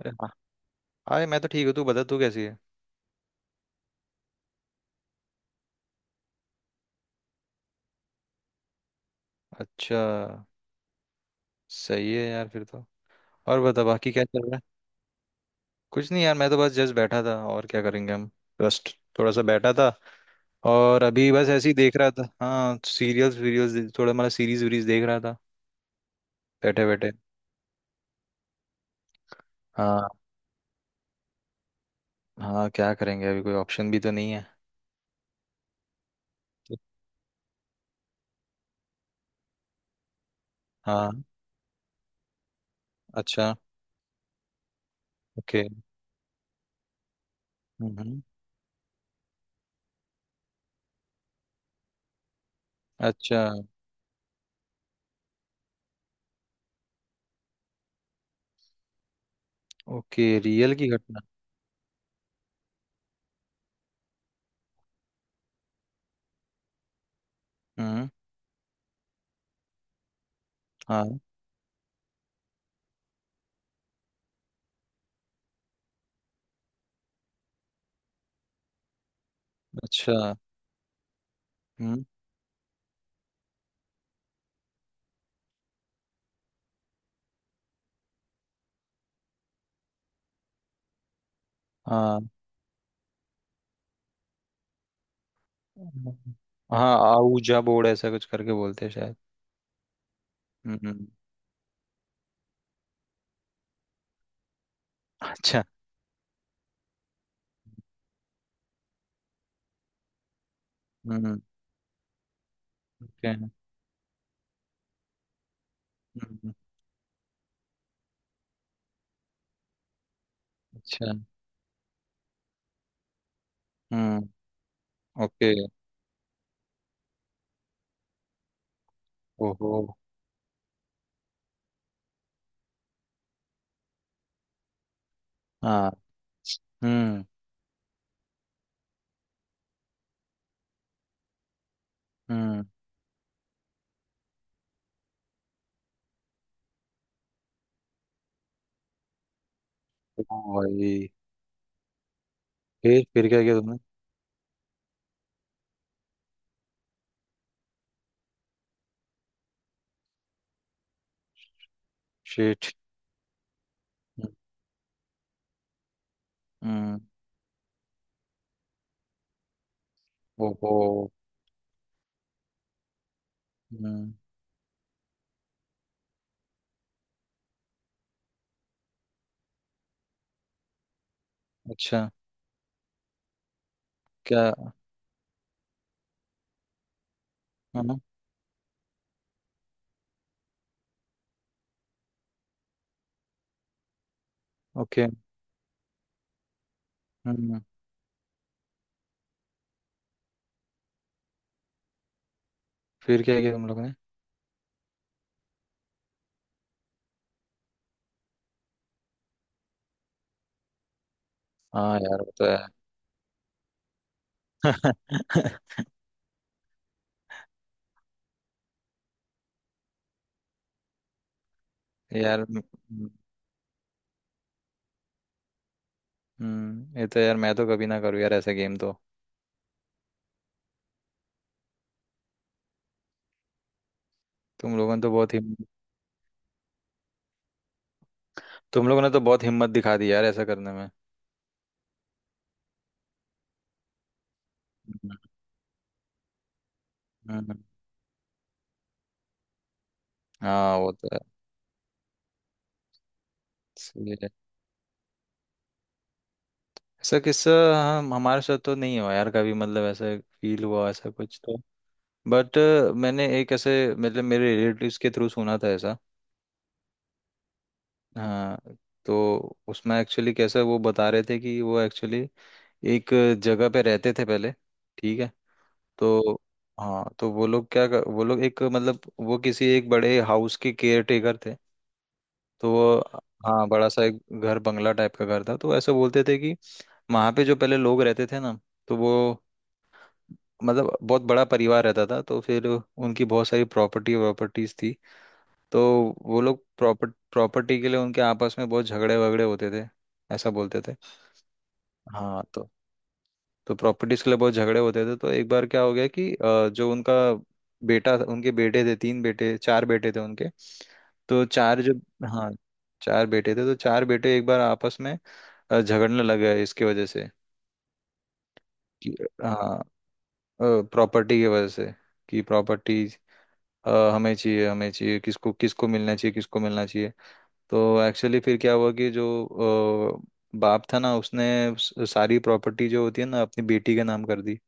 अरे हाँ। हाय, मैं तो ठीक हूँ। तू बता, तू कैसी है? अच्छा। सही है यार फिर तो। और बता, बाकी क्या चल रहा है? कुछ नहीं यार, मैं तो बस जस्ट बैठा था और क्या करेंगे हम। जस्ट थोड़ा सा बैठा था। और अभी बस ऐसे ही देख रहा था। हाँ, सीरियल्स वीरियल्स थोड़ा मतलब सीरीज वीरीज देख रहा था। बैठे बैठे। हाँ। हाँ क्या करेंगे, अभी कोई ऑप्शन भी तो नहीं है। तो- हाँ। अच्छा। ओके। हम्म। अच्छा। ओके, रियल की घटना। हम्म। हाँ। अच्छा। हम्म। हाँ। हम्म। हाँ आऊजा बोर्ड ऐसा कुछ करके बोलते हैं शायद। हम्म हम्म। अच्छा। हम्म हम्म, ओके हम्म, अच्छा हम्म ओके ओहो हाँ हम्म हम्म ओ भाई। फिर क्या किया तुमने? शिट। हम्म हम्म, ओहो हम्म अच्छा क्या हाँ ओके हम्म। फिर क्या किया तुम लोग ने? हाँ यार वो तो है। यार ये तो यार मैं तो कभी ना करूँ यार ऐसा गेम तो। तुम लोगों ने तो बहुत ही तुम लोगों ने तो बहुत हिम्मत दिखा दी यार ऐसा करने में। हम्म। हाँ वो तो है। सही है। ऐसा किस्सा हम हमारे साथ तो नहीं हुआ यार कभी, मतलब ऐसा फील हुआ ऐसा कुछ तो। बट मैंने एक ऐसे मतलब मेरे रिलेटिव्स के थ्रू सुना था ऐसा। हाँ। तो उसमें एक्चुअली कैसा वो बता रहे थे कि वो एक्चुअली एक जगह पे रहते थे पहले। ठीक है। तो हाँ तो वो लोग क्या कर, वो लोग एक मतलब वो किसी एक बड़े हाउस के केयर टेकर थे। तो वो हाँ बड़ा सा एक घर बंगला टाइप का घर था। तो ऐसे बोलते थे कि वहाँ पे जो पहले लोग रहते थे ना, तो वो मतलब बहुत बड़ा परिवार रहता था। तो फिर उनकी बहुत सारी प्रॉपर्टी प्रॉपर्टीज थी। तो वो लोग प्रॉपर्ट प्रॉपर्टी के लिए उनके आपस में बहुत झगड़े वगड़े होते थे, ऐसा बोलते थे। हाँ। तो प्रॉपर्टीज के लिए बहुत झगड़े होते थे। तो एक बार क्या हो गया कि जो उनका बेटा था- उनके बेटे थे, तीन बेटे चार बेटे थे उनके। तो चार जो हाँ चार बेटे थे तो चार बेटे एक बार आपस में झगड़ने लगा है इसकी वजह से कि हाँ प्रॉपर्टी की वजह से। कि प्रॉपर्टी हमें चाहिए हमें चाहिए, किसको किसको मिलना चाहिए किसको मिलना चाहिए। तो एक्चुअली फिर क्या हुआ कि जो बाप था ना, उसने स- सारी प्रॉपर्टी जो होती है ना अपनी बेटी के नाम कर दी।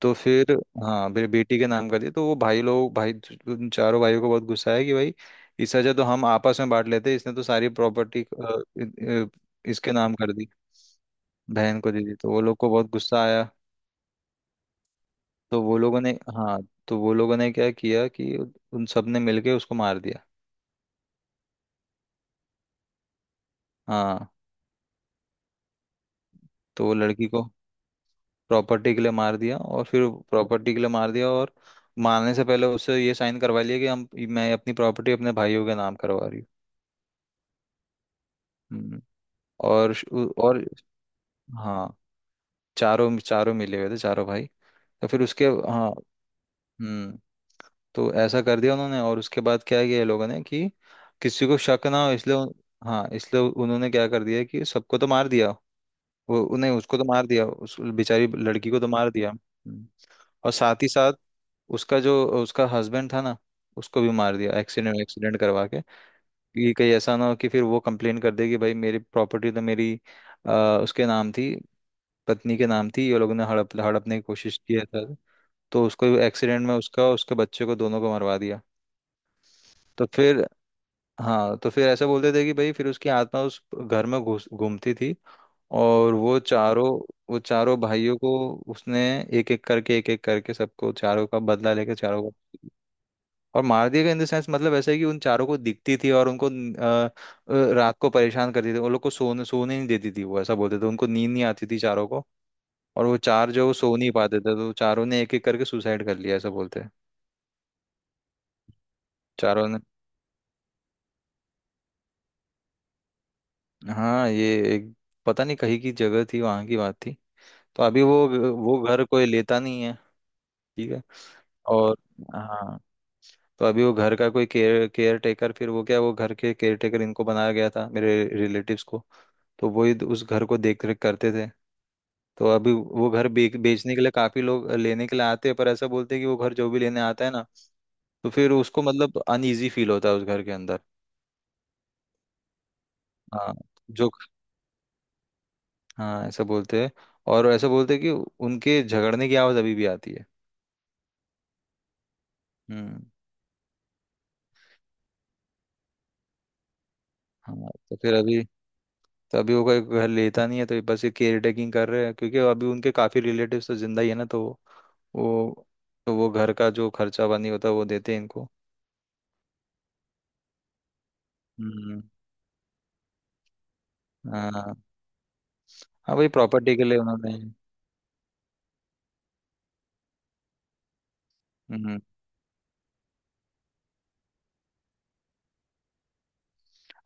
तो फिर हाँ फिर बेटी के नाम कर दी तो वो भाई लोग भाई उन चारों भाइयों को बहुत गुस्सा है कि भाई इस वजह तो हम आपस में बांट लेते, इसने तो सारी प्रॉपर्टी इसके नाम कर दी बहन को दे दी। तो वो लोग को बहुत गुस्सा आया। तो वो लोगों ने हाँ तो वो लोगों ने क्या किया कि उन सब ने मिलके उसको मार दिया। हाँ तो वो लड़की को प्रॉपर्टी के लिए मार दिया और फिर प्रॉपर्टी के लिए मार दिया और मारने से पहले उससे ये साइन करवा लिया कि हम मैं अपनी प्रॉपर्टी अपने भाइयों के नाम करवा रही हूँ। हम्म, और श- उ- और हाँ चारों चारों मिले हुए थे चारों भाई। तो फिर उसके हाँ हम्म। तो ऐसा कर दिया उन्होंने। और उसके बाद क्या किया ये लोगों ने कि किसी को शक ना हो इसलिए उन- हाँ इसलिए उन्होंने क्या कर दिया कि सबको तो मार दिया वो- नहीं उसको तो मार दिया उस बेचारी लड़की को तो मार दिया। हम्म। और साथ ही साथ उसका जो उसका हस्बैंड था ना, उसको भी मार दिया एक्सीडेंट एक्सीडेंट करवा के कि कहीं ऐसा ना हो कि फिर वो कंप्लेन कर दे कि भाई मेरी प्रॉपर्टी तो मेरी अ, उसके नाम थी पत्नी के नाम थी, ये लोगों ने हड़प हड़पने की कोशिश किया था। तो उसको एक्सीडेंट में उसका और उसके बच्चे को दोनों को मरवा दिया। तो फिर हाँ तो फिर ऐसा बोलते थे कि भाई फिर उसकी आत्मा उस घर में घुस घूमती थी। और वो चारों भाइयों को उसने एक एक करके सबको चारों का बदला लेके चारों को और मार दिया गया। इन द सेंस मतलब ऐसा है कि उन चारों को दिखती थी और उनको रात को परेशान करती थी, उन लोग को सोने सोने नहीं देती थी वो, ऐसा बोलते थे। उनको नींद नहीं आती थी चारों को। और वो चार जो सो नहीं पाते थे तो चारों ने एक एक करके सुसाइड कर लिया, ऐसा बोलते हैं। चारों ने हाँ ये एक पता नहीं कहीं की जगह थी, वहां की बात थी। तो अभी वो घर कोई लेता नहीं है। ठीक है। और हाँ तो अभी वो घर का कोई केयर केयर टेकर फिर वो क्या वो घर के केयर टेकर इनको बनाया गया था मेरे रिलेटिव्स को। तो वही उस घर को देख रेख करते थे। तो अभी वो घर बेच बेचने के लिए काफी लोग लेने के लिए आते हैं, पर ऐसा बोलते हैं कि वो घर जो भी लेने आता है ना, तो फिर उसको मतलब अनईजी फील होता है उस घर के अंदर। हाँ जो हाँ ऐसा बोलते हैं। और ऐसा बोलते हैं कि उनके झगड़ने की आवाज अभी भी आती है। हम्म। हाँ तो फिर अभी तो अभी वो कोई घर लेता नहीं है, तो ये बस ये केयर टेकिंग कर रहे हैं क्योंकि अभी उनके काफी रिलेटिव्स तो जिंदा ही है ना, वो तो वो घर का जो खर्चा पानी होता है वो देते हैं इनको। हम्म। हाँ हाँ भाई प्रॉपर्टी के लिए उन्होंने। हम्म।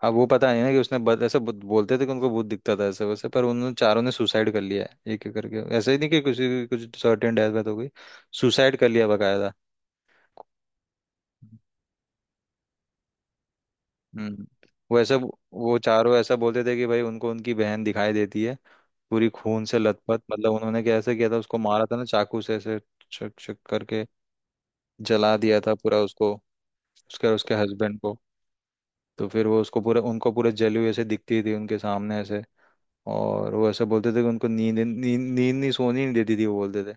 अब वो पता नहीं ना कि उसने बद, ऐसे बुद- बोलते थे कि उनको भूत दिखता था ऐसे वैसे, पर उन चारों ने सुसाइड कर लिया है एक एक करके, ऐसे ही नहीं कि किसी की कुछ सर्टेन डेथ वेथ हो गई। सुसाइड कर लिया बकायदा। हम्म। वो ऐसा वो चारों ऐसा बोलते थे कि भाई उनको उनकी बहन दिखाई देती है पूरी खून से लथपथ। मतलब उन्होंने कैसे किया था, उसको मारा था ना चाकू से, ऐसे छक छक करके। जला दिया था पूरा उसको उसके उसके हस्बैंड को। तो फिर वो उसको पूरे उनको पूरे जली हुई ऐसे दिखती थी उनके सामने ऐसे। और वो ऐसे बोलते थे कि उनको नींद नींद नींद नहीं सोनी नहीं देती थी वो, बोलते थे।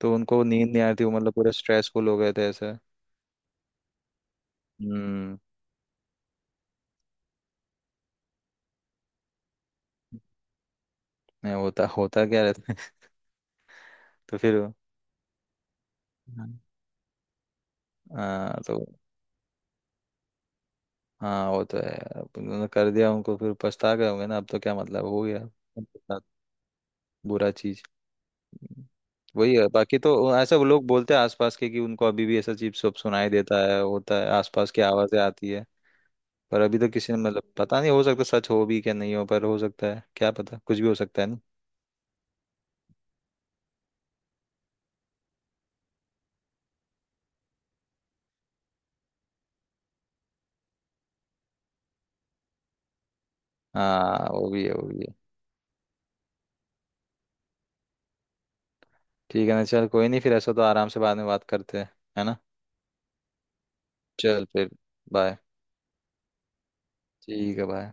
तो उनको नींद नहीं आ रही थी, वो मतलब पूरे स्ट्रेसफुल हो गए थे ऐसे। हम्म। नहीं होता होता क्या रहता है। तो फिर हाँ तो हाँ वो तो है यार। अब उन्होंने कर दिया, उनको फिर पछता गए होंगे ना, अब तो क्या मतलब हो गया उनके साथ। बुरा चीज। वही है बाकी तो ऐसा वो लोग बोलते हैं आसपास के कि उनको अभी भी ऐसा अजीब सब सुनाई देता है होता है, आसपास की आवाजें आती है। पर अभी तो किसी ने मतलब पता नहीं, हो सकता सच हो भी क्या नहीं हो, पर हो सकता है, क्या पता कुछ भी हो सकता है ना। हाँ वो भी है वो भी है। ठीक है ना, चल कोई नहीं, फिर ऐसा तो आराम से बाद में बात करते हैं, है ना। चल फिर। बाय। ठीक है बाय।